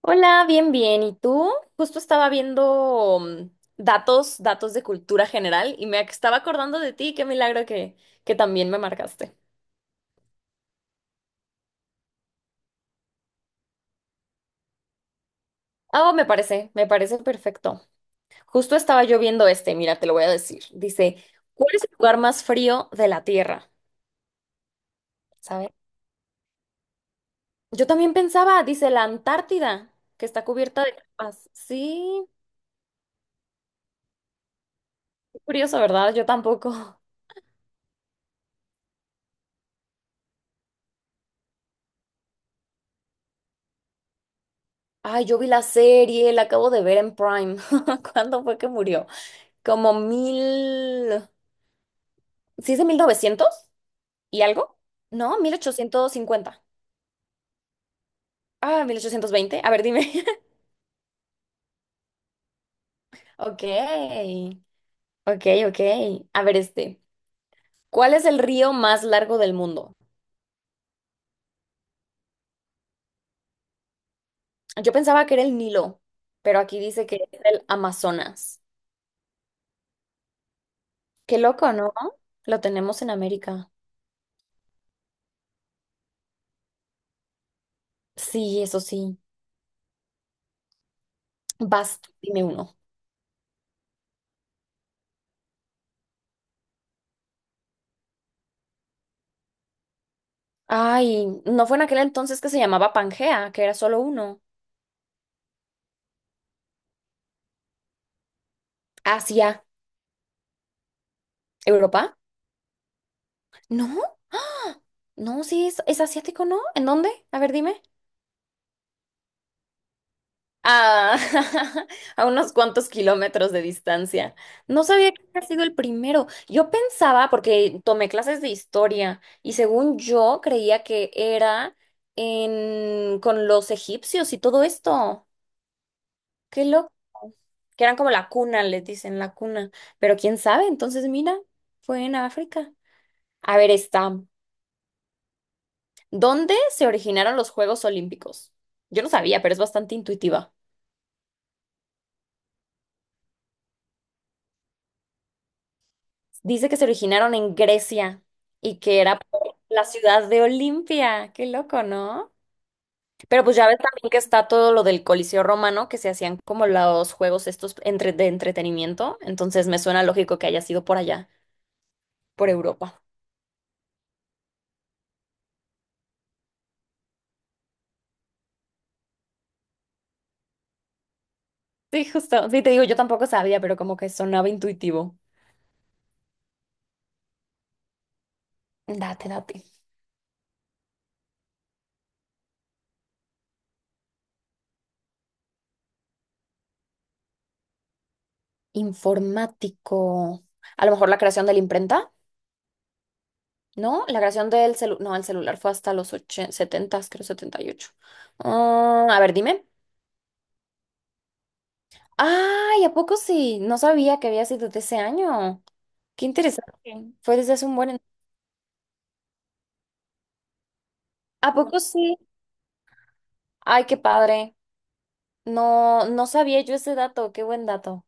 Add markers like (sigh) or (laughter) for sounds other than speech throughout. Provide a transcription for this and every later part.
Hola, bien, bien. ¿Y tú? Justo estaba viendo datos de cultura general y estaba acordando de ti. Qué milagro que también me marcaste. Ah, me parece perfecto. Justo estaba yo viendo este, mira, te lo voy a decir. Dice, ¿cuál es el lugar más frío de la Tierra? ¿Sabes? Yo también pensaba, dice la Antártida, que está cubierta de capas. Sí, qué curioso, ¿verdad? Yo tampoco. Ay, yo vi la serie, la acabo de ver en Prime. (laughs) ¿Cuándo fue que murió? Como mil... ¿Sí es de novecientos y algo? No, 1850. Ah, 1820. A ver, dime. (laughs) Ok, ok, ok. A ver este. ¿Cuál es el río más largo del mundo? Yo pensaba que era el Nilo, pero aquí dice que es el Amazonas. Qué loco, ¿no? Lo tenemos en América. Sí, eso sí. Vas, dime uno. Ay, ¿no fue en aquel entonces que se llamaba Pangea, que era solo uno? Asia, Europa. No. No, sí, es asiático, ¿no? ¿En dónde? A ver, dime. Ah, (laughs) a unos cuantos kilómetros de distancia. No sabía que había sido el primero. Yo pensaba, porque tomé clases de historia, y según yo creía que era en, con los egipcios y todo esto. Qué loco. Que eran como la cuna, les dicen, la cuna. Pero quién sabe, entonces mira, fue en África. A ver, está. ¿Dónde se originaron los Juegos Olímpicos? Yo no sabía, pero es bastante intuitiva. Dice que se originaron en Grecia y que era por la ciudad de Olimpia. Qué loco, ¿no? Pero pues ya ves también que está todo lo del Coliseo Romano, que se hacían como los juegos estos de entretenimiento. Entonces me suena lógico que haya sido por allá, por Europa. Sí, justo. Sí, te digo, yo tampoco sabía, pero como que sonaba intuitivo. Date, date. Informático. A lo mejor la creación de la imprenta. No, la creación del celular, no, el celular fue hasta los 80, 70, creo 78. Ah, a ver, dime. Ay, ¿a poco sí? No sabía que había sido de ese año. Qué interesante. Fue desde hace un buen... ¿A poco sí? Ay, qué padre. No, no sabía yo ese dato. Qué buen dato.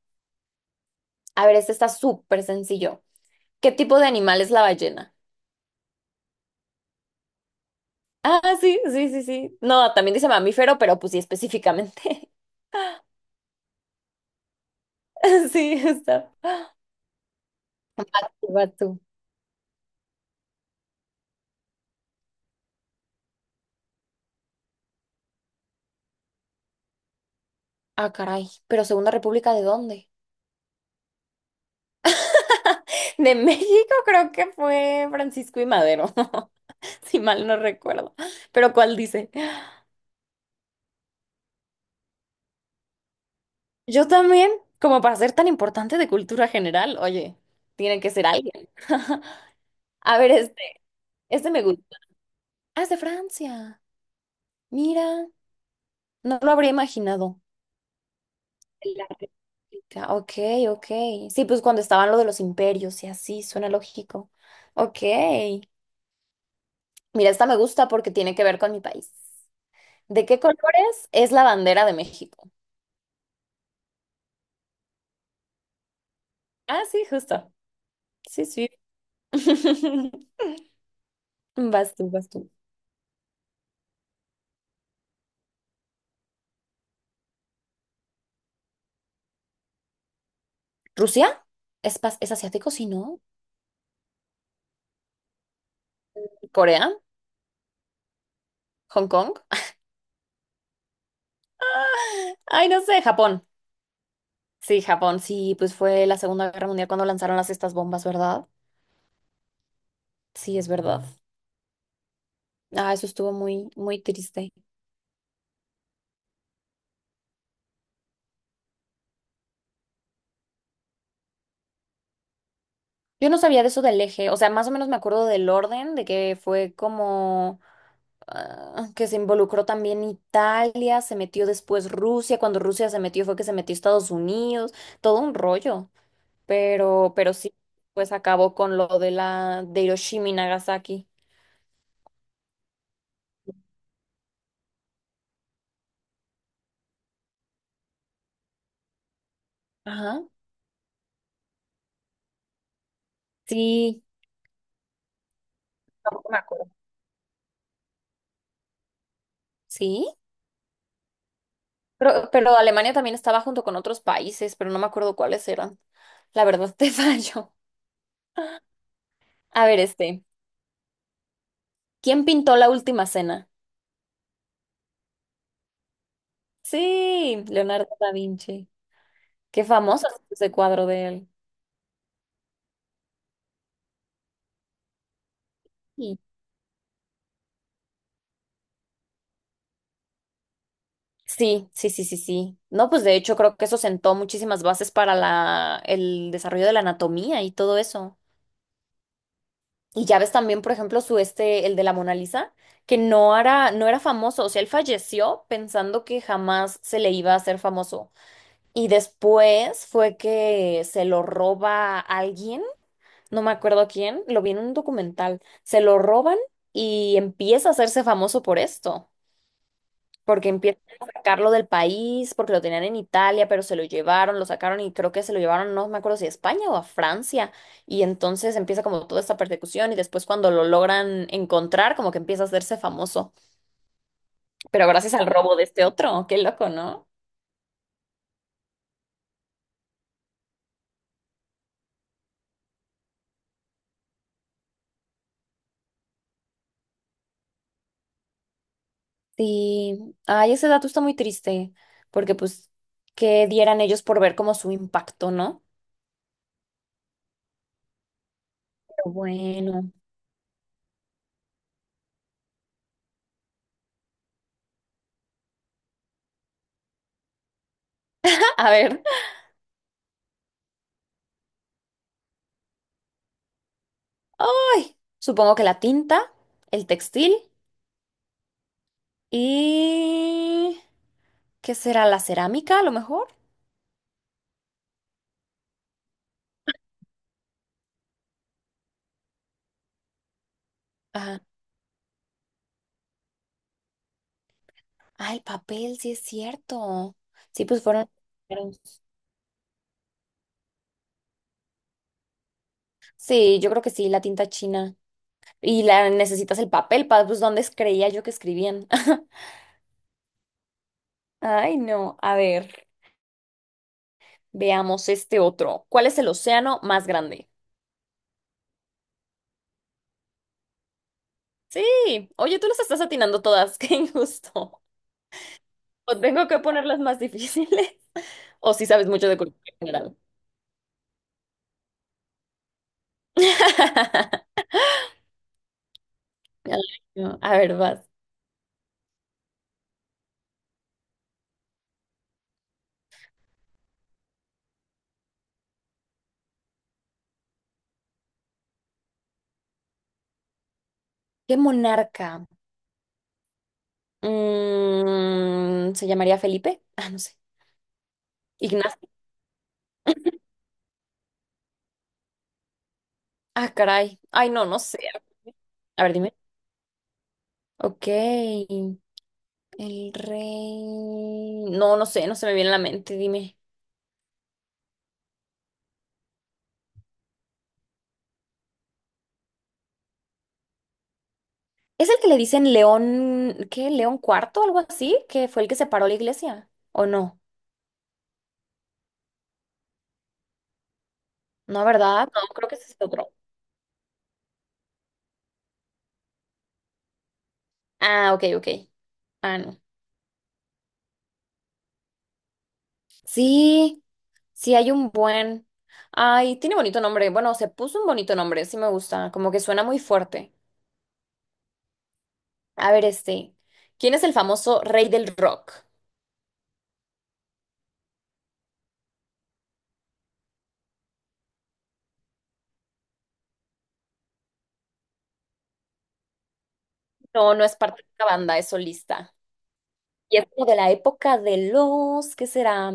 A ver, este está súper sencillo. ¿Qué tipo de animal es la ballena? Ah, sí, sí, sí, sí. No, también dice mamífero, pero pues sí, específicamente. (laughs) Sí, está. Va tú. Ah, caray. ¿Pero Segunda República de dónde? (laughs) De México creo que fue Francisco y Madero, (laughs) si mal no recuerdo. Pero ¿cuál dice? Yo también, como para ser tan importante de cultura general, oye, tiene que ser alguien. (laughs) A ver, este me gusta. Ah, es de Francia. Mira, no lo habría imaginado. La República. Ok, ok. Sí, pues cuando estaban lo de los imperios y así, suena lógico. Ok. Mira, esta me gusta porque tiene que ver con mi país. ¿De qué colores es la bandera de México? Ah, sí, justo. Sí, sí. (laughs) Vas tú, vas tú. ¿Rusia? ¿Es, es asiático? Sí, ¿no? ¿Corea? ¿Hong Kong? (laughs) Ay, no sé, Japón. Sí, Japón, sí, pues fue la Segunda Guerra Mundial cuando lanzaron las estas bombas, ¿verdad? Sí, es verdad. Ah, eso estuvo muy, muy triste. Yo no sabía de eso del eje, o sea, más o menos me acuerdo del orden, de que fue como ah, que se involucró también Italia, se metió después Rusia, cuando Rusia se metió fue que se metió Estados Unidos, todo un rollo. Pero sí, pues acabó con lo de la de Hiroshima y Nagasaki. Ajá. Sí, tampoco me acuerdo. Sí. Pero Alemania también estaba junto con otros países, pero no me acuerdo cuáles eran. La verdad te (laughs) fallo. A ver, este, ¿quién pintó la última cena? Sí, Leonardo da Vinci. Qué famoso es ese cuadro de él. Sí, sí, sí, sí, sí. Sí. No, pues de hecho creo que eso sentó muchísimas bases para el desarrollo de la anatomía y todo eso. Y ya ves también, por ejemplo, su este, el de la Mona Lisa, que no era famoso, o sea, él falleció pensando que jamás se le iba a hacer famoso. Y después fue que se lo roba alguien, no me acuerdo quién, lo vi en un documental, se lo roban y empieza a hacerse famoso por esto porque empiezan a sacarlo del país, porque lo tenían en Italia, pero se lo llevaron, lo sacaron y creo que se lo llevaron, no me acuerdo si a España o a Francia, y entonces empieza como toda esta persecución y después cuando lo logran encontrar, como que empieza a hacerse famoso, pero gracias al robo de este otro, qué loco, ¿no? Sí, ay, ese dato está muy triste, porque pues, ¿qué dieran ellos por ver como su impacto, ¿no? Pero bueno, (laughs) a ver, ay, supongo que la tinta, el textil y... ¿Qué será la cerámica a lo mejor? Ajá. Ah, el papel, sí es cierto. Sí, pues fueron primeros. Sí, yo creo que sí, la tinta china. Y la necesitas el papel, para pues ¿dónde creía yo que escribían? (laughs) Ay, no. A ver, veamos este otro. ¿Cuál es el océano más grande? Sí. Oye, tú las estás atinando todas. (laughs) Qué injusto. O tengo que ponerlas más difíciles. (laughs) O si sabes mucho de cultura general. (laughs) Ay, no. A ver, vas. ¿Qué monarca? ¿Se llamaría Felipe? Ah, no sé. Ignacio. (laughs) Ah, caray. Ay, no, no sé. A ver, dime. Ok. El rey. No, no sé, no se me viene a la mente, dime. ¿Es el que le dicen León, qué? ¿León cuarto, algo así? ¿Que fue el que separó la iglesia? ¿O no? No, ¿verdad? No, creo que ese es otro. Ah, ok, ok. Ah, no. Sí, sí, hay un buen. Ay, tiene bonito nombre. Bueno, se puso un bonito nombre, sí me gusta. Como que suena muy fuerte. A ver, este. ¿Quién es el famoso rey del rock? No, no es parte de una banda, es solista. Y es como de la época de los, ¿qué será?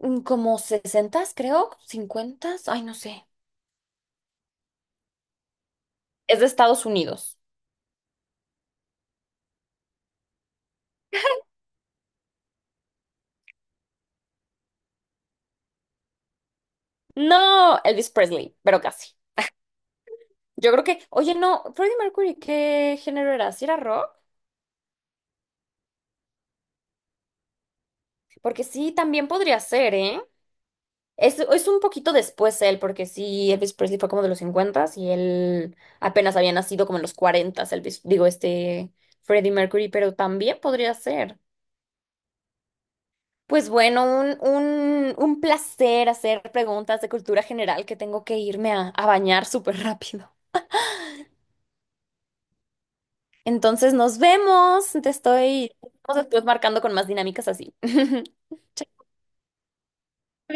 Como sesentas, creo, cincuentas, ay, no sé. Es de Estados Unidos. No, Elvis Presley, pero casi. Yo creo que, oye, no, Freddie Mercury, ¿qué género era? ¿Si era rock? Porque sí, también podría ser, ¿eh? Es un poquito después él, porque sí, Elvis Presley fue como de los 50 y él apenas había nacido como en los 40, Elvis, digo, este Freddie Mercury, pero también podría ser. Pues bueno, un placer hacer preguntas de cultura general que tengo que irme a bañar súper rápido. Entonces nos vemos, te estoy, nos estoy marcando con más dinámicas así. (laughs) Chao,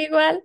igual.